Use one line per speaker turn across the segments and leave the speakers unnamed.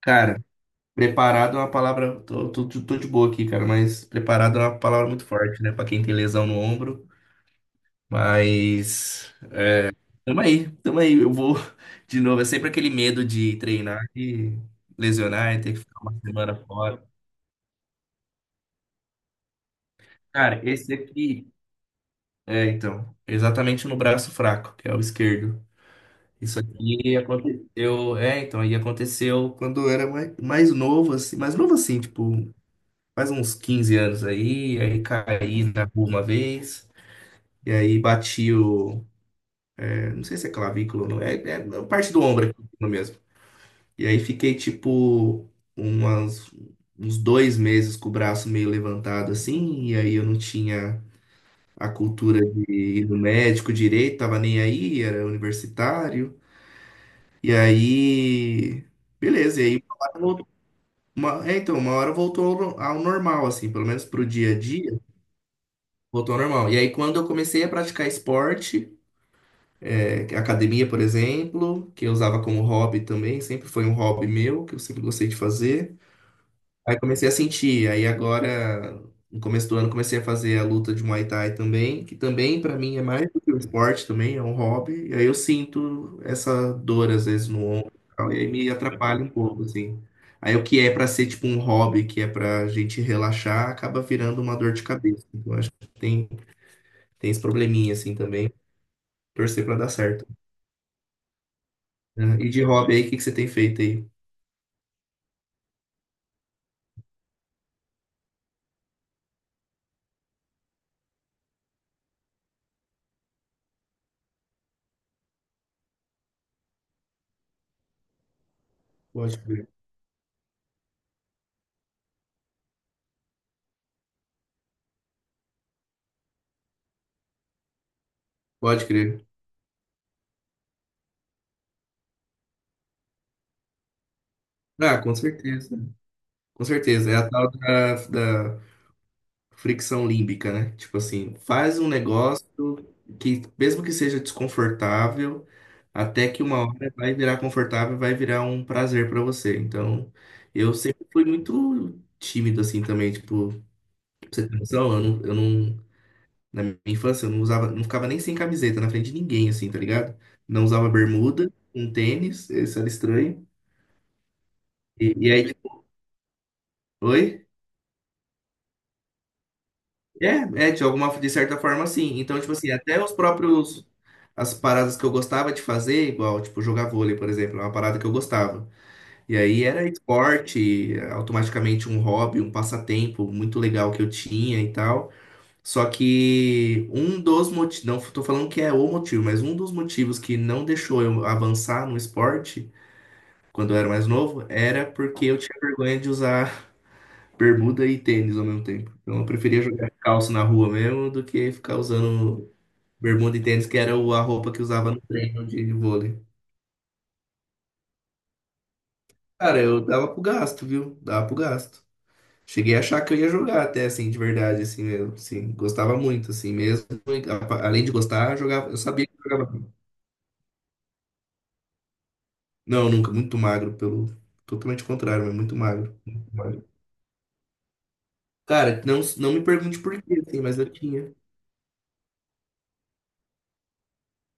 Cara, preparado é uma palavra. Tô de boa aqui, cara, mas preparado é uma palavra muito forte, né? Pra quem tem lesão no ombro. Mas. Tamo aí, tamo aí. Eu vou de novo. É sempre aquele medo de treinar e lesionar e ter que ficar uma semana fora. Cara, esse aqui. É, então. Exatamente no braço fraco, que é o esquerdo. Isso aqui aconteceu. É, então. Aí aconteceu quando eu era mais novo, assim. Mais novo, assim, tipo. Faz uns 15 anos aí, aí caí na rua uma vez, e aí bati o. É, não sei se é clavícula ou não, é a parte do ombro aqui mesmo. E aí fiquei tipo umas, uns 2 meses com o braço meio levantado assim, e aí eu não tinha a cultura de ir no médico direito, tava nem aí, era universitário. E aí, beleza, e aí uma, hora voltou- uma- é, então, uma hora voltou ao normal, assim, pelo menos pro dia a dia. Voltou ao normal. E aí, quando eu comecei a praticar esporte, é, academia, por exemplo, que eu usava como hobby também, sempre foi um hobby meu, que eu sempre gostei de fazer. Aí comecei a sentir. Aí agora, no começo do ano, comecei a fazer a luta de Muay Thai também, que também pra mim é mais do que um esporte também, é um hobby. E aí eu sinto essa dor às vezes no ombro, e tal, e aí me atrapalha um pouco, assim. Aí o que é pra ser tipo um hobby, que é pra gente relaxar, acaba virando uma dor de cabeça. Então acho que tem esse probleminha assim também. Torcer pra dar certo. Né? E de hobby aí, o que que você tem feito aí? Pode crer. Pode crer. Ah, com certeza. Com certeza. É a tal da fricção límbica, né? Tipo assim, faz um negócio que, mesmo que seja desconfortável, até que uma hora vai virar confortável, vai virar um prazer pra você. Então, eu sempre fui muito tímido assim também. Tipo, pra você ter noção, eu não na minha infância, eu não usava, não ficava nem sem camiseta na frente de ninguém, assim, tá ligado? Não usava bermuda, um tênis, isso era estranho. E aí, tipo, oi? É, é, de alguma, de certa forma, sim. Então, tipo assim, até os próprios, as paradas que eu gostava de fazer, igual, tipo, jogar vôlei, por exemplo, é uma parada que eu gostava. E aí era esporte, automaticamente um hobby, um passatempo muito legal que eu tinha e tal. Só que um dos motivos, não tô falando que é o motivo, mas um dos motivos que não deixou eu avançar no esporte quando eu era mais novo era porque eu tinha vergonha de usar bermuda e tênis ao mesmo tempo. Então eu preferia jogar calça na rua mesmo do que ficar usando bermuda e tênis, que era a roupa que eu usava no treino de vôlei. Cara, eu dava pro gasto, viu? Dava pro gasto. Cheguei a achar que eu ia jogar até assim, de verdade, assim mesmo. Assim, gostava muito, assim mesmo. E, além de gostar, eu jogava, eu sabia que eu jogava. Não, nunca, muito magro, pelo totalmente contrário, mas muito magro. Muito magro. Cara, não, não me pergunte por quê, assim, mas eu tinha.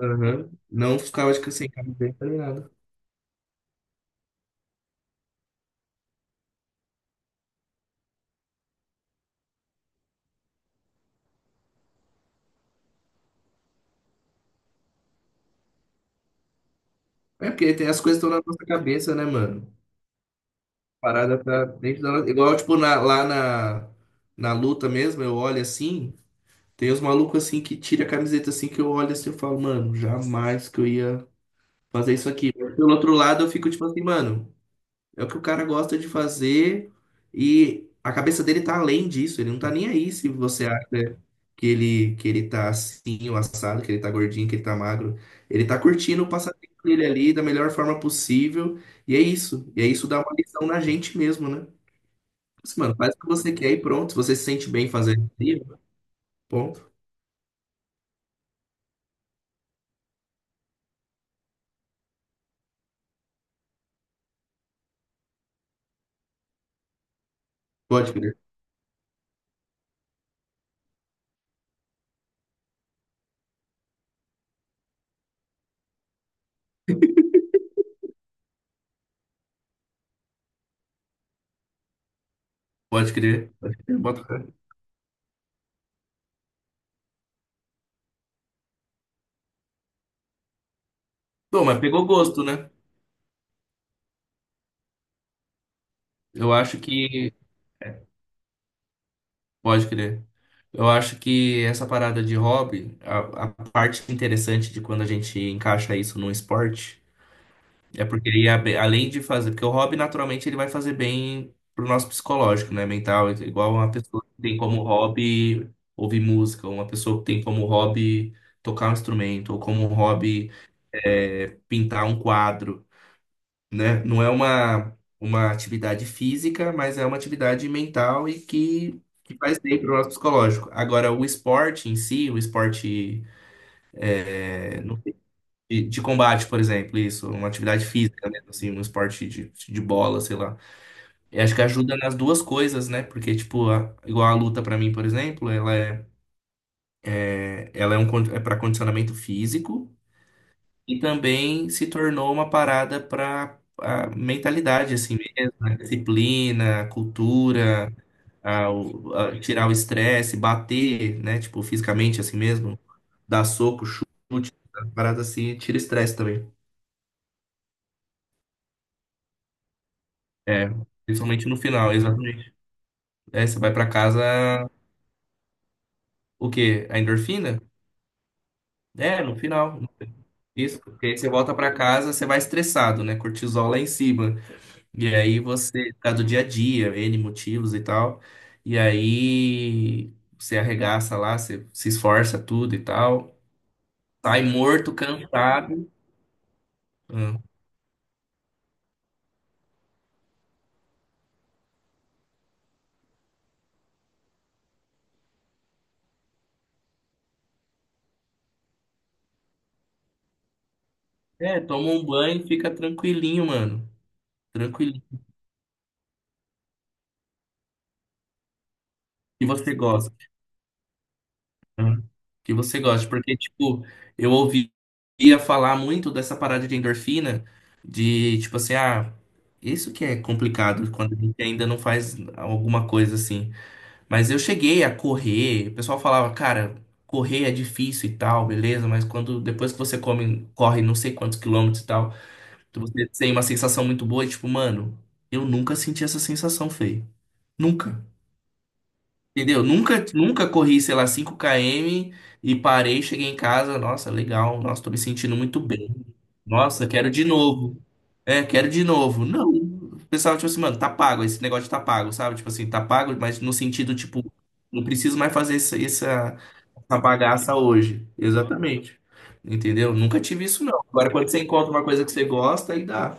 Aham. Não ficava de sem camiseta nem nada. É porque tem, as coisas estão na nossa cabeça, né, mano? Parada tá dentro da nossa. Igual, tipo, lá na luta mesmo, eu olho assim, tem os malucos assim que tira a camiseta assim, que eu olho assim e falo, mano, jamais que eu ia fazer isso aqui. Mas pelo outro lado, eu fico tipo assim, mano. É o que o cara gosta de fazer e a cabeça dele tá além disso. Ele não tá nem aí se você acha que ele tá assim, o assado, que ele tá gordinho, que ele tá magro. Ele tá curtindo o passatempo dele ali da melhor forma possível. E é isso. E é isso dá uma lição na gente mesmo, né? Assim, mano, faz o que você quer e pronto. Se você se sente bem fazendo isso, ponto. Pode crer. Pode crer. Pode crer. Bota fé. Bom, mas pegou gosto, né? Eu acho que. É, pode crer. Eu acho que essa parada de hobby, a parte interessante de quando a gente encaixa isso num esporte, é porque ele além de fazer, porque o hobby naturalmente ele vai fazer bem pro nosso psicológico, né, mental, igual uma pessoa que tem como hobby ouvir música, uma pessoa que tem como hobby tocar um instrumento, ou como hobby pintar um quadro, né? Não é uma atividade física, mas é uma atividade mental e que faz bem para o nosso psicológico. Agora, o esporte em si, o esporte é, não sei, de combate, por exemplo, isso, uma atividade física, né? Assim, um esporte de bola, sei lá. Eu acho que ajuda nas duas coisas, né? Porque, tipo, igual a luta para mim, por exemplo, ela é, é- ela é, um, con- é para condicionamento físico. E também se tornou uma parada para a mentalidade, assim mesmo, a disciplina, a cultura, a tirar o estresse, bater, né? Tipo, fisicamente, assim mesmo, dar soco, chute, a parada assim, tira estresse também. É, principalmente no final, exatamente. É, você vai para casa, o quê? A endorfina? É, no final. Isso, porque aí você volta para casa, você vai estressado, né? Cortisol lá em cima. E aí você, por causa do dia a dia, N motivos e tal. E aí você arregaça lá, você se esforça tudo e tal. Sai morto, cansado. Hum. É, toma um banho e fica tranquilinho, mano. Tranquilinho. Que você gosta. Hum. Que você gosta. Porque, tipo, eu ouvia falar muito dessa parada de endorfina, de tipo assim, ah, isso que é complicado quando a gente ainda não faz alguma coisa assim. Mas eu cheguei a correr, o pessoal falava, cara, correr é difícil e tal, beleza, mas quando depois que você come, corre não sei quantos quilômetros e tal, você tem uma sensação muito boa e tipo, mano, eu nunca senti essa sensação, Fê. Nunca. Entendeu? Nunca, nunca corri, sei lá, 5 km e parei, cheguei em casa. Nossa, legal. Nossa, tô me sentindo muito bem. Nossa, quero de novo. É, quero de novo. Não. O pessoal, tipo assim, mano, tá pago. Esse negócio tá pago, sabe? Tipo assim, tá pago, mas no sentido, tipo, não preciso mais fazer essa bagaça hoje. Exatamente. Entendeu? Nunca tive isso, não. Agora, quando você encontra uma coisa que você gosta, aí dá.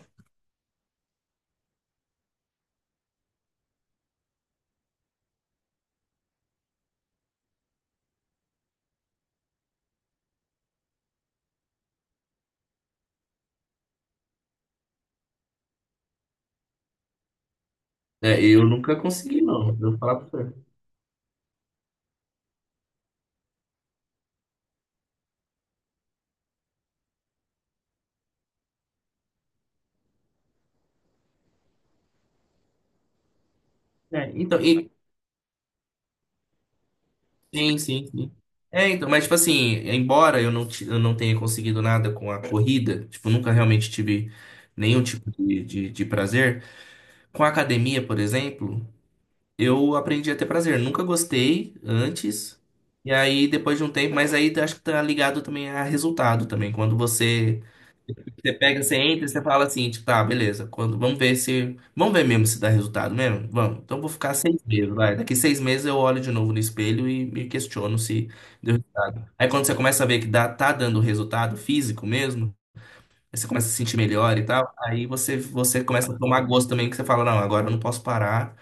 É, eu nunca consegui, não. Eu vou falar pra você. É, então, e sim, sim, sim. É, então, mas tipo assim, embora eu não, eu não tenha conseguido nada com a corrida, tipo, nunca realmente tive nenhum tipo de prazer, com a academia, por exemplo, eu aprendi a ter prazer. Nunca gostei antes, e aí depois de um tempo, mas aí acho que tá ligado também a resultado também. Quando você, você pega, você entra, você fala assim, tipo, tá, beleza, quando, vamos ver se, vamos ver mesmo se dá resultado mesmo? Vamos, então vou ficar 6 meses, vai. Daqui 6 meses eu olho de novo no espelho e me questiono se. Deu. Aí quando você começa a ver que dá, tá dando resultado físico mesmo, aí você começa a se sentir melhor e tal, aí você começa a tomar gosto também, que você fala, não, agora eu não posso parar,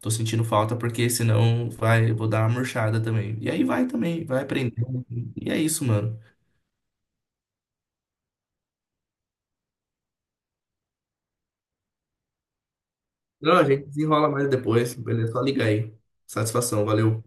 tô sentindo falta, porque senão vai, eu vou dar uma murchada também. E aí vai também, vai aprendendo. E é isso, mano. Não, a gente desenrola mais depois, beleza? Só liga aí. Satisfação, valeu.